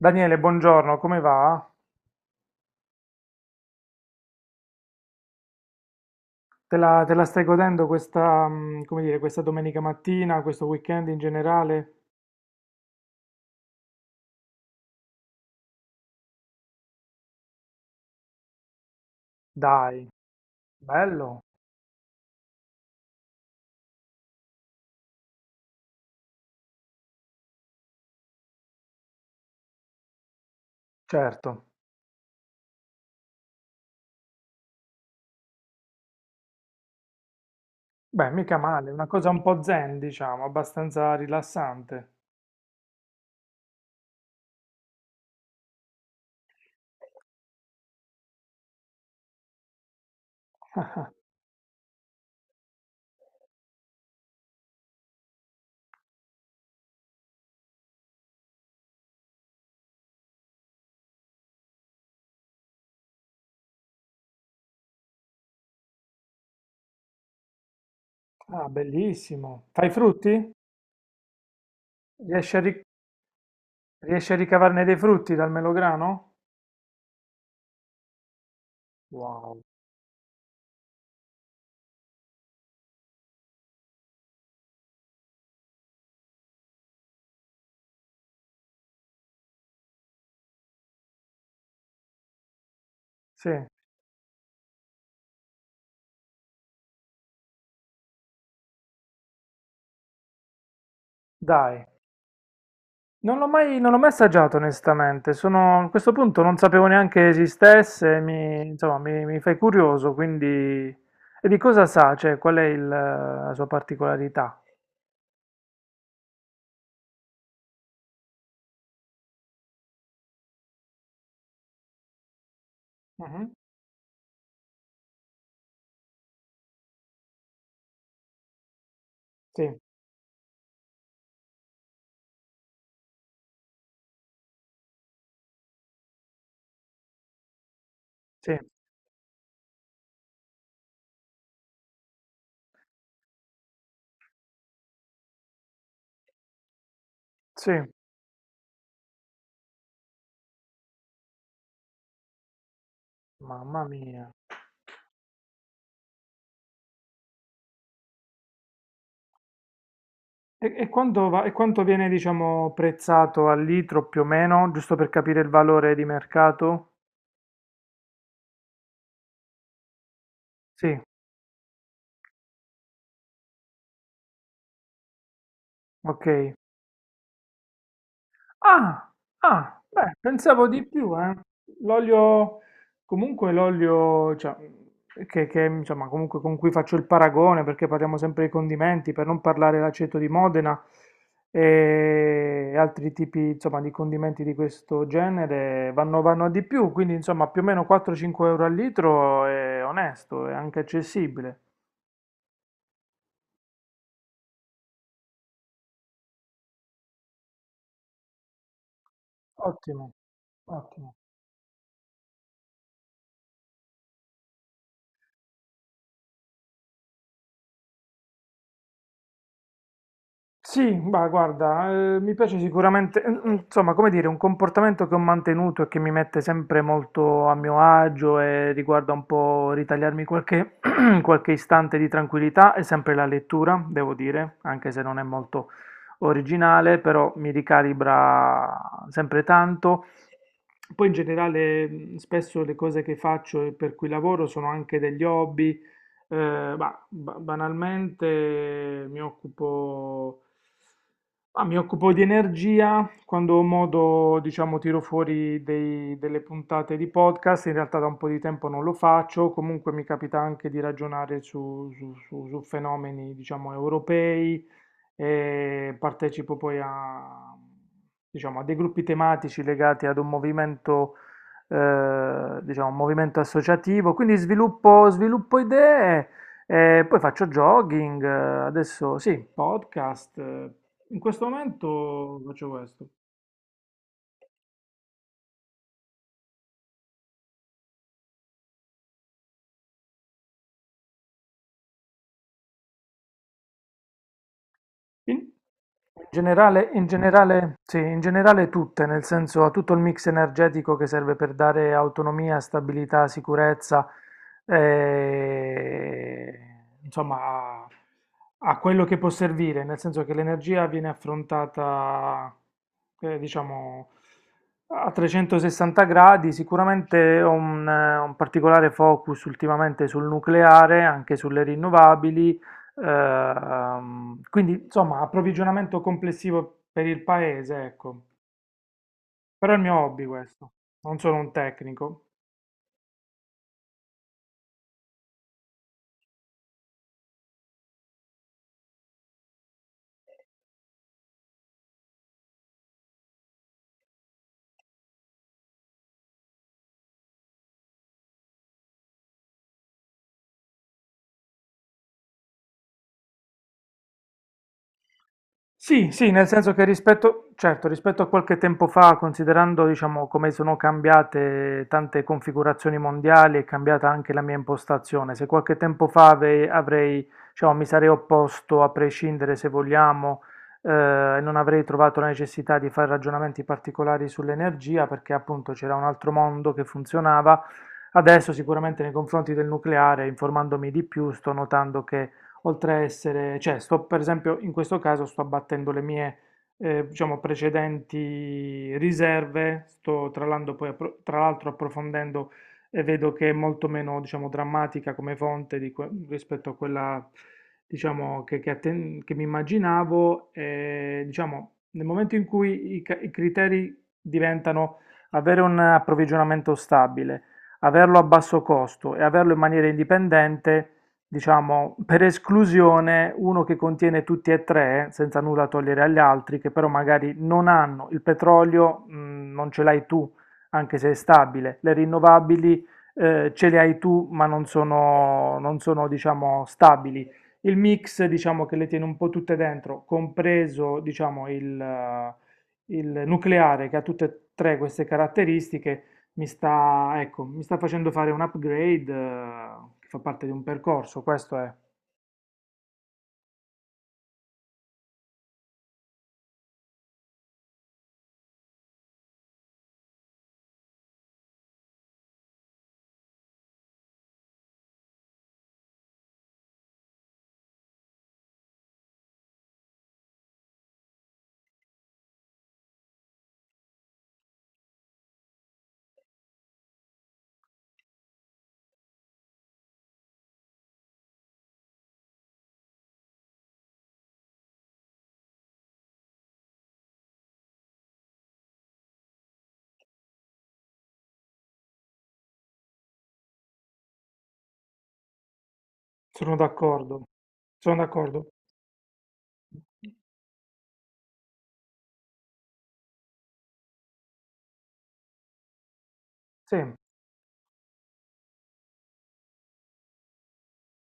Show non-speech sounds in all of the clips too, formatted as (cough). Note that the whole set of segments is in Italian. Daniele, buongiorno, come va? Te la stai godendo questa, come dire, questa domenica mattina, questo weekend in generale? Dai, bello, certo. Beh, mica male, una cosa un po' zen, diciamo, abbastanza rilassante. Ah, bellissimo. Fai frutti? Riesci a, ri- riesci a ricavarne dei frutti dal melograno? Wow. Sì, dai. Non l'ho mai assaggiato onestamente, sono, a questo punto non sapevo neanche esistesse, insomma, mi fai curioso, quindi. E di cosa sa? Cioè, qual è la sua particolarità? Mhm. Sì. Sì, sì, mamma mia. E quanto viene, diciamo, prezzato al litro più o meno, giusto per capire il valore di mercato? Sì, ok. Ah, ah, beh, pensavo di più, eh. L'olio, comunque l'olio, cioè, che, insomma, comunque con cui faccio il paragone, perché parliamo sempre di condimenti, per non parlare l'aceto di Modena e altri tipi, insomma, di condimenti di questo genere, vanno a di più, quindi, insomma, più o meno 4-5 euro al litro è onesto, è anche accessibile. Ottimo, ottimo. Sì, bah, guarda, mi piace sicuramente, insomma, come dire, un comportamento che ho mantenuto e che mi mette sempre molto a mio agio e riguarda un po' ritagliarmi qualche, (clears throat) qualche istante di tranquillità è sempre la lettura, devo dire, anche se non è molto originale, però mi ricalibra sempre tanto. Poi in generale, spesso le cose che faccio e per cui lavoro sono anche degli hobby, bah, banalmente mi occupo di energia, quando ho modo, diciamo, tiro fuori delle puntate di podcast, in realtà da un po' di tempo non lo faccio, comunque mi capita anche di ragionare su fenomeni, diciamo, europei e partecipo poi a, diciamo, a dei gruppi tematici legati ad un movimento, diciamo, un movimento associativo, quindi sviluppo idee e poi faccio jogging. Adesso sì, podcast. In questo momento faccio questo. In- in generale, sì, in generale tutte, nel senso a tutto il mix energetico che serve per dare autonomia, stabilità, sicurezza, eh, insomma, a, a, quello che può servire, nel senso che l'energia viene affrontata, diciamo, a 360 gradi. Sicuramente ho un particolare focus ultimamente sul nucleare, anche sulle rinnovabili, quindi, insomma, approvvigionamento complessivo per il paese, ecco. Però è il mio hobby questo, non sono un tecnico. Sì, sì, nel senso che rispetto, certo, rispetto a qualche tempo fa, considerando, diciamo, come sono cambiate tante configurazioni mondiali, è cambiata anche la mia impostazione. Se qualche tempo fa avrei, diciamo, mi sarei opposto a prescindere, se vogliamo, e non avrei trovato la necessità di fare ragionamenti particolari sull'energia, perché appunto c'era un altro mondo che funzionava. Adesso sicuramente nei confronti del nucleare, informandomi di più, sto notando che oltre a essere, cioè sto per esempio in questo caso sto abbattendo le mie diciamo precedenti riserve, sto tra l'altro poi appro- tra l'altro approfondendo e vedo che è molto meno diciamo drammatica come fonte di rispetto a quella diciamo che mi immaginavo e diciamo nel momento in cui i criteri diventano avere un approvvigionamento stabile, averlo a basso costo e averlo in maniera indipendente diciamo, per esclusione uno che contiene tutti e tre, senza nulla togliere agli altri, che però magari non hanno il petrolio, non ce l'hai tu, anche se è stabile, le rinnovabili ce le hai tu, ma non sono, diciamo, stabili. Il mix, diciamo, che le tiene un po' tutte dentro, compreso, diciamo, il nucleare che ha tutte e tre queste caratteristiche mi sta, ecco, mi sta facendo fare un upgrade, che fa parte di un percorso, questo è. Sono d'accordo. Sono d'accordo. Sì,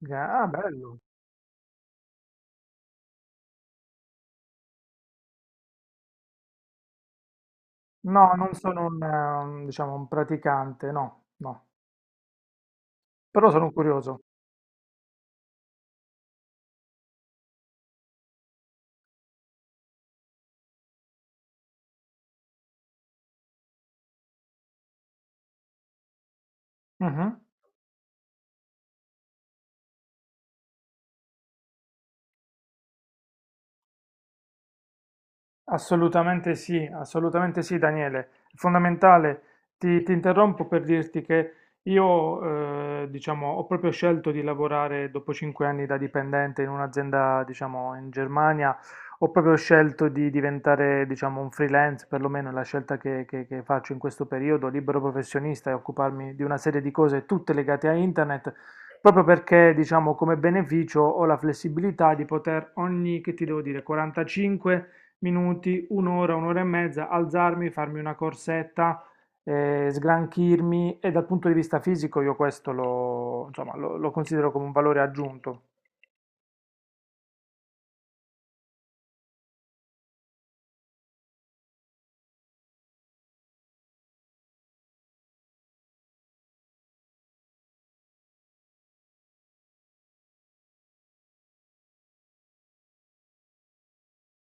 ah, bello. No, non sono diciamo, un praticante, no, no, però sono curioso. Mhm. Assolutamente sì, Daniele. È fondamentale. Ti interrompo per dirti che io, diciamo, ho proprio scelto di lavorare dopo 5 anni da dipendente in un'azienda, diciamo, in Germania. Ho proprio scelto di diventare, diciamo, un freelance, perlomeno è la scelta che faccio in questo periodo, libero professionista e occuparmi di una serie di cose tutte legate a internet. Proprio perché, diciamo, come beneficio ho la flessibilità di poter ogni, che ti devo dire, 45 minuti, un'ora, un'ora e mezza, alzarmi, farmi una corsetta, sgranchirmi e dal punto di vista fisico io questo insomma, lo considero come un valore aggiunto.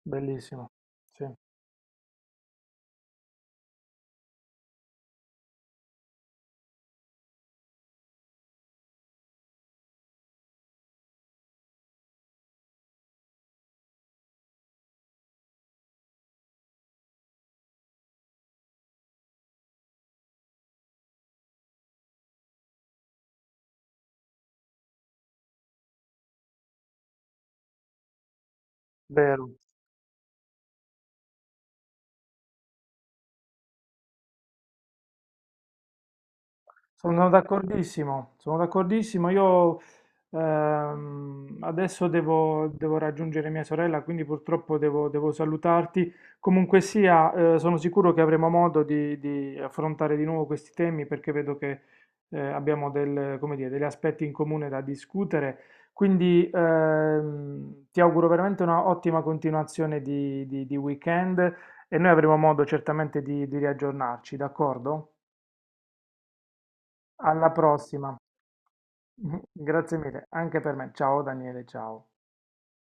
Bellissimo, sì, vero. Sono d'accordissimo, sono d'accordissimo. Io adesso devo raggiungere mia sorella, quindi purtroppo devo salutarti. Comunque sia, sono sicuro che avremo modo di affrontare di nuovo questi temi perché vedo che abbiamo come dire, degli aspetti in comune da discutere. Quindi ti auguro veramente una ottima continuazione di weekend e noi avremo modo certamente di riaggiornarci, d'accordo? Alla prossima. (laughs) Grazie mille, anche per me. Ciao Daniele, ciao.